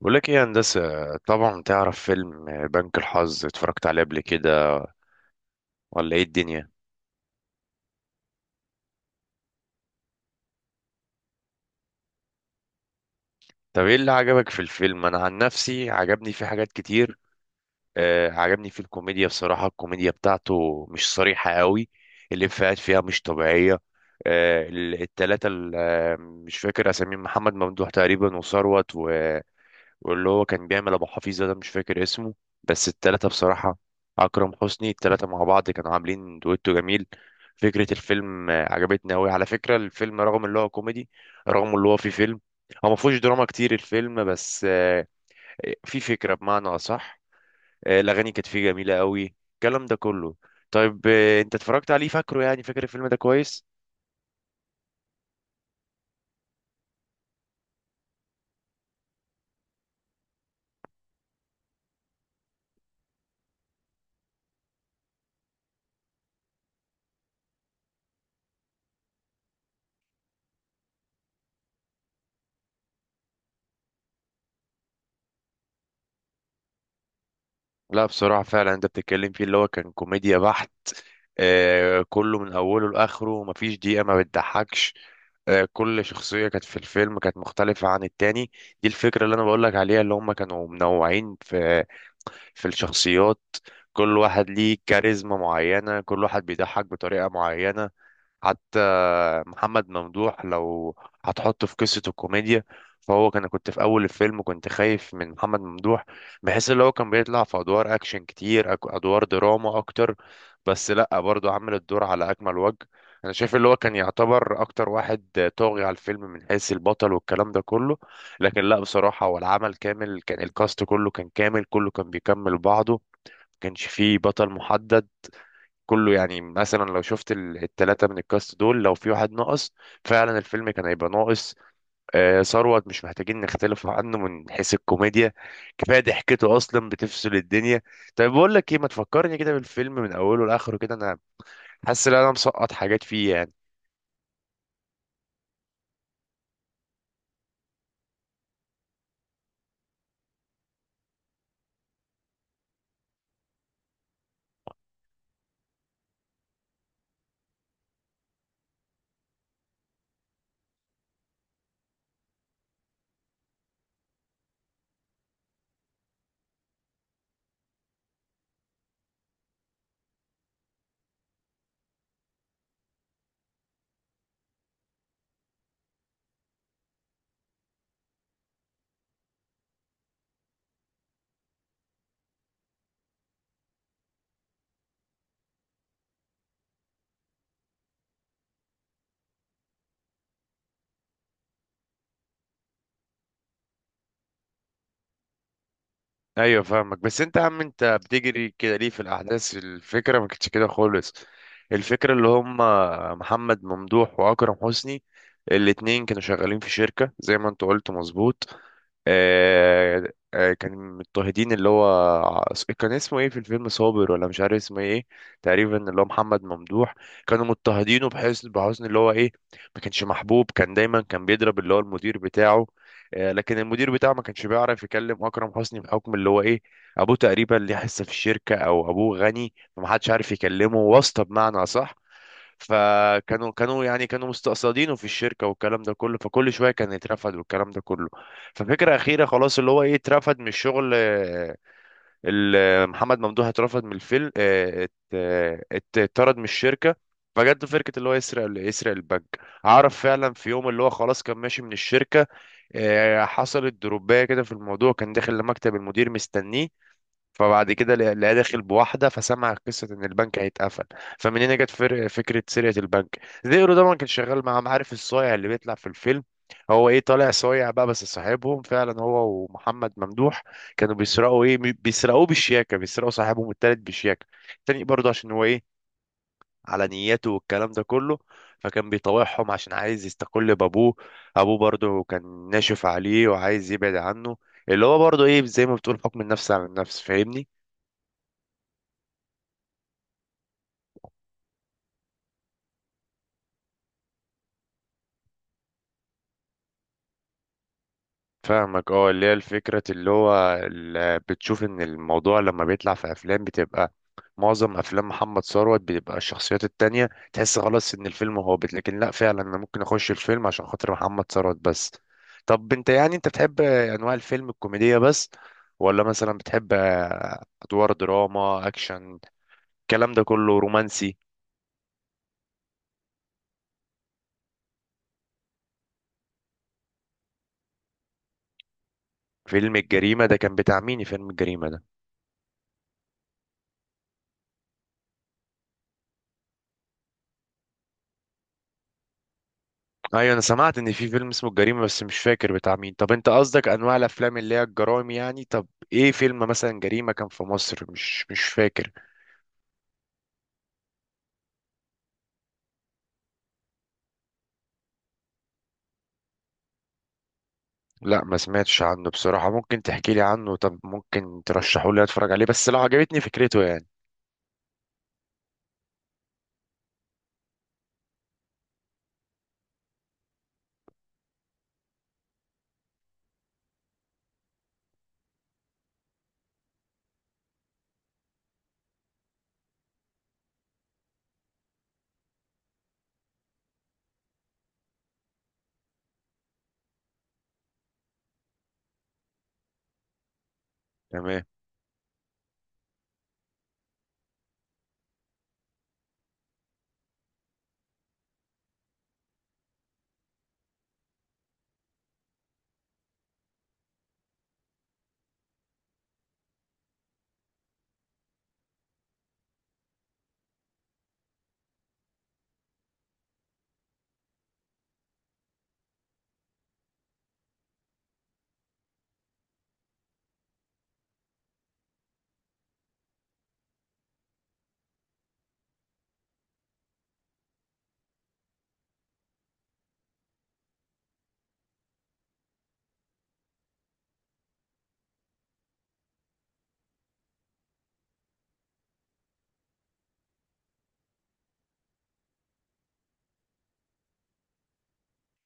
بقول لك ايه يا هندسة؟ طبعا تعرف فيلم بنك الحظ؟ اتفرجت عليه قبل كده ولا ايه الدنيا؟ طب ايه اللي عجبك في الفيلم؟ انا عن نفسي عجبني فيه حاجات كتير. آه، عجبني فيه الكوميديا. بصراحة الكوميديا بتاعته مش صريحة قوي، الإفيهات فيها مش طبيعية. التلاتة، مش فاكر اساميهم، محمد ممدوح تقريبا وثروت و... واللي هو كان بيعمل ابو حفيظه ده مش فاكر اسمه. بس التلاتة بصراحه، اكرم حسني، التلاتة مع بعض كانوا عاملين دويتو جميل. فكره الفيلم عجبتني قوي، على فكره الفيلم رغم اللي هو كوميدي، رغم اللي هو فيه فيلم، هو ما فيهوش دراما كتير الفيلم بس، في فكره بمعنى اصح. الاغاني كانت فيه جميله قوي، الكلام ده كله. طيب، انت اتفرجت عليه، فاكره يعني؟ فاكر الفيلم ده كويس؟ لا بصراحة فعلا، انت بتتكلم فيه اللي هو كان كوميديا بحت، آه، كله من اوله لاخره مفيش دقيقة ما بتضحكش. كل شخصية كانت في الفيلم كانت مختلفة عن التاني. دي الفكرة اللي أنا بقولك عليها، اللي هم كانوا منوعين في الشخصيات. كل واحد ليه كاريزما معينة، كل واحد بيضحك بطريقة معينة. حتى محمد ممدوح لو هتحطه في قصة الكوميديا، فهو كنت في أول الفيلم كنت خايف من محمد ممدوح، بحيث اللي هو كان بيطلع في أدوار أكشن كتير، أدوار دراما أكتر، بس لأ، برضه عامل الدور على أكمل وجه. أنا شايف اللي هو كان يعتبر أكتر واحد طاغي على الفيلم من حيث البطل والكلام ده كله. لكن لأ، بصراحة هو العمل كامل كان، الكاست كله كان كامل، كله كان بيكمل بعضه. كانش فيه بطل محدد، كله يعني. مثلا لو شفت التلاتة من الكاست دول لو في واحد ناقص، فعلا الفيلم كان هيبقى ناقص. ثروت مش محتاجين نختلف عنه من حيث الكوميديا، كفاية ضحكته أصلا بتفصل الدنيا. طيب بقول لك إيه، ما تفكرني كده بالفيلم من أوله لآخره كده، أنا حاسس إن أنا مسقط حاجات فيه يعني. ايوه فاهمك. بس انت يا عم، انت بتجري كده ليه في الاحداث؟ الفكره ما كانتش كده خالص. الفكره اللي هم محمد ممدوح واكرم حسني، الاتنين كانوا شغالين في شركه زي ما انت قلت، مظبوط. آه كانوا مضطهدين. ع- كان اسمه ايه في الفيلم؟ صابر ولا مش عارف اسمه ايه، تقريبا اللي هو محمد ممدوح. كانوا مضطهدينه بحسن اللي هو ايه، ما كانش محبوب، كان دايما كان بيضرب اللي هو المدير بتاعه. لكن المدير بتاعه ما كانش بيعرف يكلم اكرم حسني بحكم اللي هو ايه، ابوه تقريبا ليه حصه في الشركه او ابوه غني، فمحدش عارف يكلمه، واسطه بمعنى صح. فكانوا كانوا يعني كانوا مستقصدينه في الشركه والكلام ده كله، فكل شويه كان يترفد والكلام ده كله. ففكره اخيره خلاص اللي هو ايه، اترفد من الشغل. محمد ممدوح اترفد من الفيلم، اتطرد من الشركه. فجت له فكره اللي هو يسرق البنك. عرف فعلا في يوم اللي هو خلاص كان ماشي من الشركه. حصلت دروبايه كده في الموضوع، كان داخل لمكتب المدير مستنيه. فبعد كده لقى داخل بواحده، فسمع قصه ان البنك هيتقفل. فمن هنا جت فكره سرقه البنك. زيرو ده كان شغال معاهم، عارف الصايع اللي بيطلع في الفيلم، هو ايه طالع صايع بقى، بس صاحبهم فعلا هو ومحمد ممدوح. كانوا بيسرقوا ايه، بيسرقوه بالشياكه، بيسرقوا صاحبهم التالت بالشياكه تاني برضه عشان هو ايه، على نيته والكلام ده كله. فكان بيطاوعهم عشان عايز يستقل بابوه، ابوه برضه كان ناشف عليه وعايز يبعد عنه، اللي هو برضه ايه زي ما بتقول حكم النفس على النفس، فاهمني؟ فاهمك. اه، اللي هي الفكرة اللي هو بتشوف ان الموضوع لما بيطلع في افلام بتبقى، معظم افلام محمد ثروت بتبقى الشخصيات التانية تحس خلاص ان الفيلم هابط، لكن لا فعلا انا ممكن اخش الفيلم عشان خاطر محمد ثروت بس. طب انت يعني، انت بتحب انواع الفيلم الكوميدية بس، ولا مثلا بتحب ادوار دراما اكشن الكلام ده كله، رومانسي؟ فيلم الجريمة ده كان بتاع مين؟ فيلم الجريمة ده، ايوه انا سمعت ان في فيلم اسمه الجريمه بس مش فاكر بتاع مين. طب انت قصدك انواع الافلام اللي هي الجرائم يعني؟ طب ايه فيلم مثلا جريمه كان في مصر؟ مش فاكر. لا ما سمعتش عنه بصراحه، ممكن تحكي لي عنه؟ طب ممكن ترشحه لي اتفرج عليه، بس لو عجبتني فكرته يعني. تمام.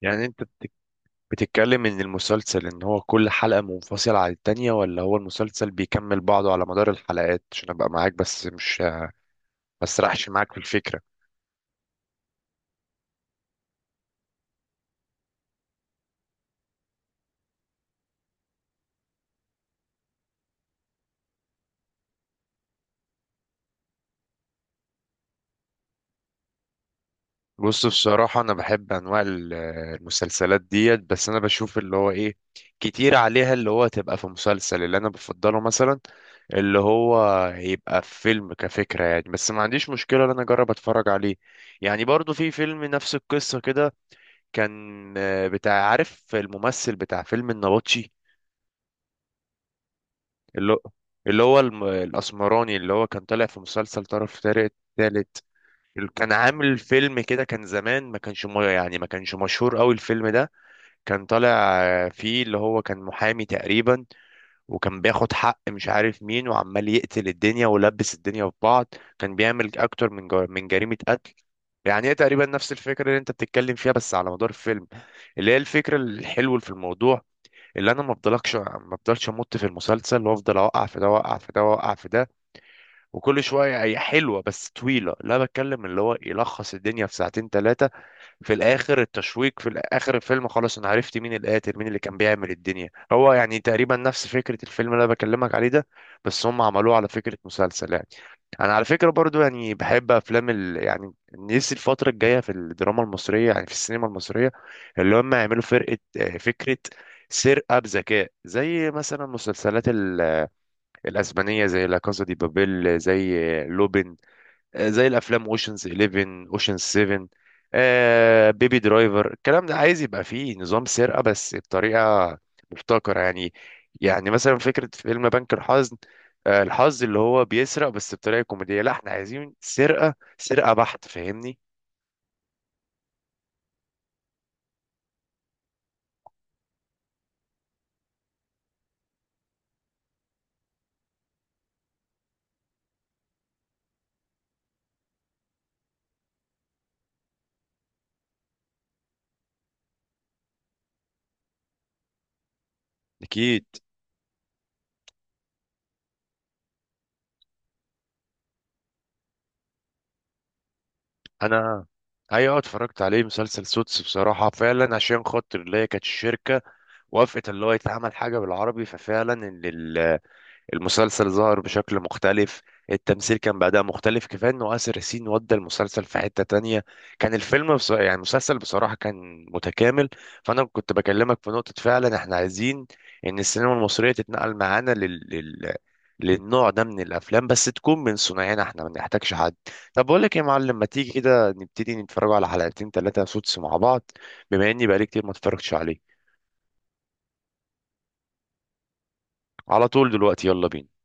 يعني انت بتتكلم ان المسلسل ان هو كل حلقه منفصله عن التانية، ولا هو المسلسل بيكمل بعضه على مدار الحلقات؟ عشان ابقى معاك بس مش، ما اسرحش معاك في الفكره. بص بصراحة أنا بحب أنواع المسلسلات ديت، بس أنا بشوف اللي هو إيه، كتير عليها اللي هو تبقى في مسلسل. اللي أنا بفضله مثلا اللي هو يبقى في فيلم كفكرة يعني، بس ما عنديش مشكلة إن أنا أجرب أتفرج عليه. يعني برضو في فيلم نفس القصة كده، كان بتاع، عارف الممثل بتاع فيلم النبطشي، اللي هو الأسمراني، اللي هو كان طالع في مسلسل طرف طارق الثالث. كان عامل فيلم كده كان زمان، ما كانش يعني ما كانش مشهور قوي الفيلم ده. كان طالع فيه، اللي هو كان محامي تقريبا، وكان بياخد حق مش عارف مين، وعمال يقتل الدنيا ولبس الدنيا في بعض، كان بيعمل اكتر من جريمة قتل. يعني هي تقريبا نفس الفكرة اللي انت بتتكلم فيها، بس على مدار الفيلم، اللي هي الفكرة الحلوة في الموضوع، اللي انا ما بفضلش امط في المسلسل وافضل اوقع في ده واوقع في ده واوقع في ده، وكل شوية، هي حلوة بس طويلة، لا بتكلم اللي هو يلخص الدنيا في ساعتين ثلاثة. في الاخر التشويق في اخر الفيلم خلاص، انا عرفت مين القاتل، مين اللي كان بيعمل الدنيا، هو يعني تقريبا نفس فكرة الفيلم اللي انا بكلمك عليه ده، بس هم عملوه على فكرة مسلسل يعني. انا على فكرة برضو يعني بحب افلام يعني نفسي الفترة الجاية في الدراما المصرية، يعني في السينما المصرية، اللي هم يعملوا فرقة، فكرة سرقة بذكاء، زي مثلا مسلسلات الأسبانية، زي لا كازا دي بابيل، زي لوبين، زي الافلام اوشنز 11، اوشنز 7، بيبي درايفر الكلام ده، عايز يبقى فيه نظام سرقه بس بطريقه مبتكره يعني. يعني مثلا فكره فيلم بنك الحظ، الحظ اللي هو بيسرق بس بطريقه كوميديه، لا احنا عايزين سرقه بحت، فاهمني؟ اكيد. انا، ايوه اتفرجت عليه مسلسل سوتس بصراحه، فعلا عشان خاطر اللي هي كانت الشركه وافقت اللي هو يتعمل حاجه بالعربي، ففعلا المسلسل ظهر بشكل مختلف، التمثيل كان بعدها مختلف، كفاية انه آسر ياسين ودى المسلسل في حتة تانية. كان يعني المسلسل بصراحة كان متكامل. فانا كنت بكلمك في نقطة، فعلا احنا عايزين ان السينما المصرية تتنقل معانا للنوع ده من الافلام، بس تكون من صناعنا احنا، ما نحتاجش حد. طب بقول لك إيه يا معلم، ما تيجي كده نبتدي نتفرج على حلقتين ثلاثة سوتس مع بعض، بما اني بقالي كتير ما اتفرجتش عليه. على طول دلوقتي، يلا بينا.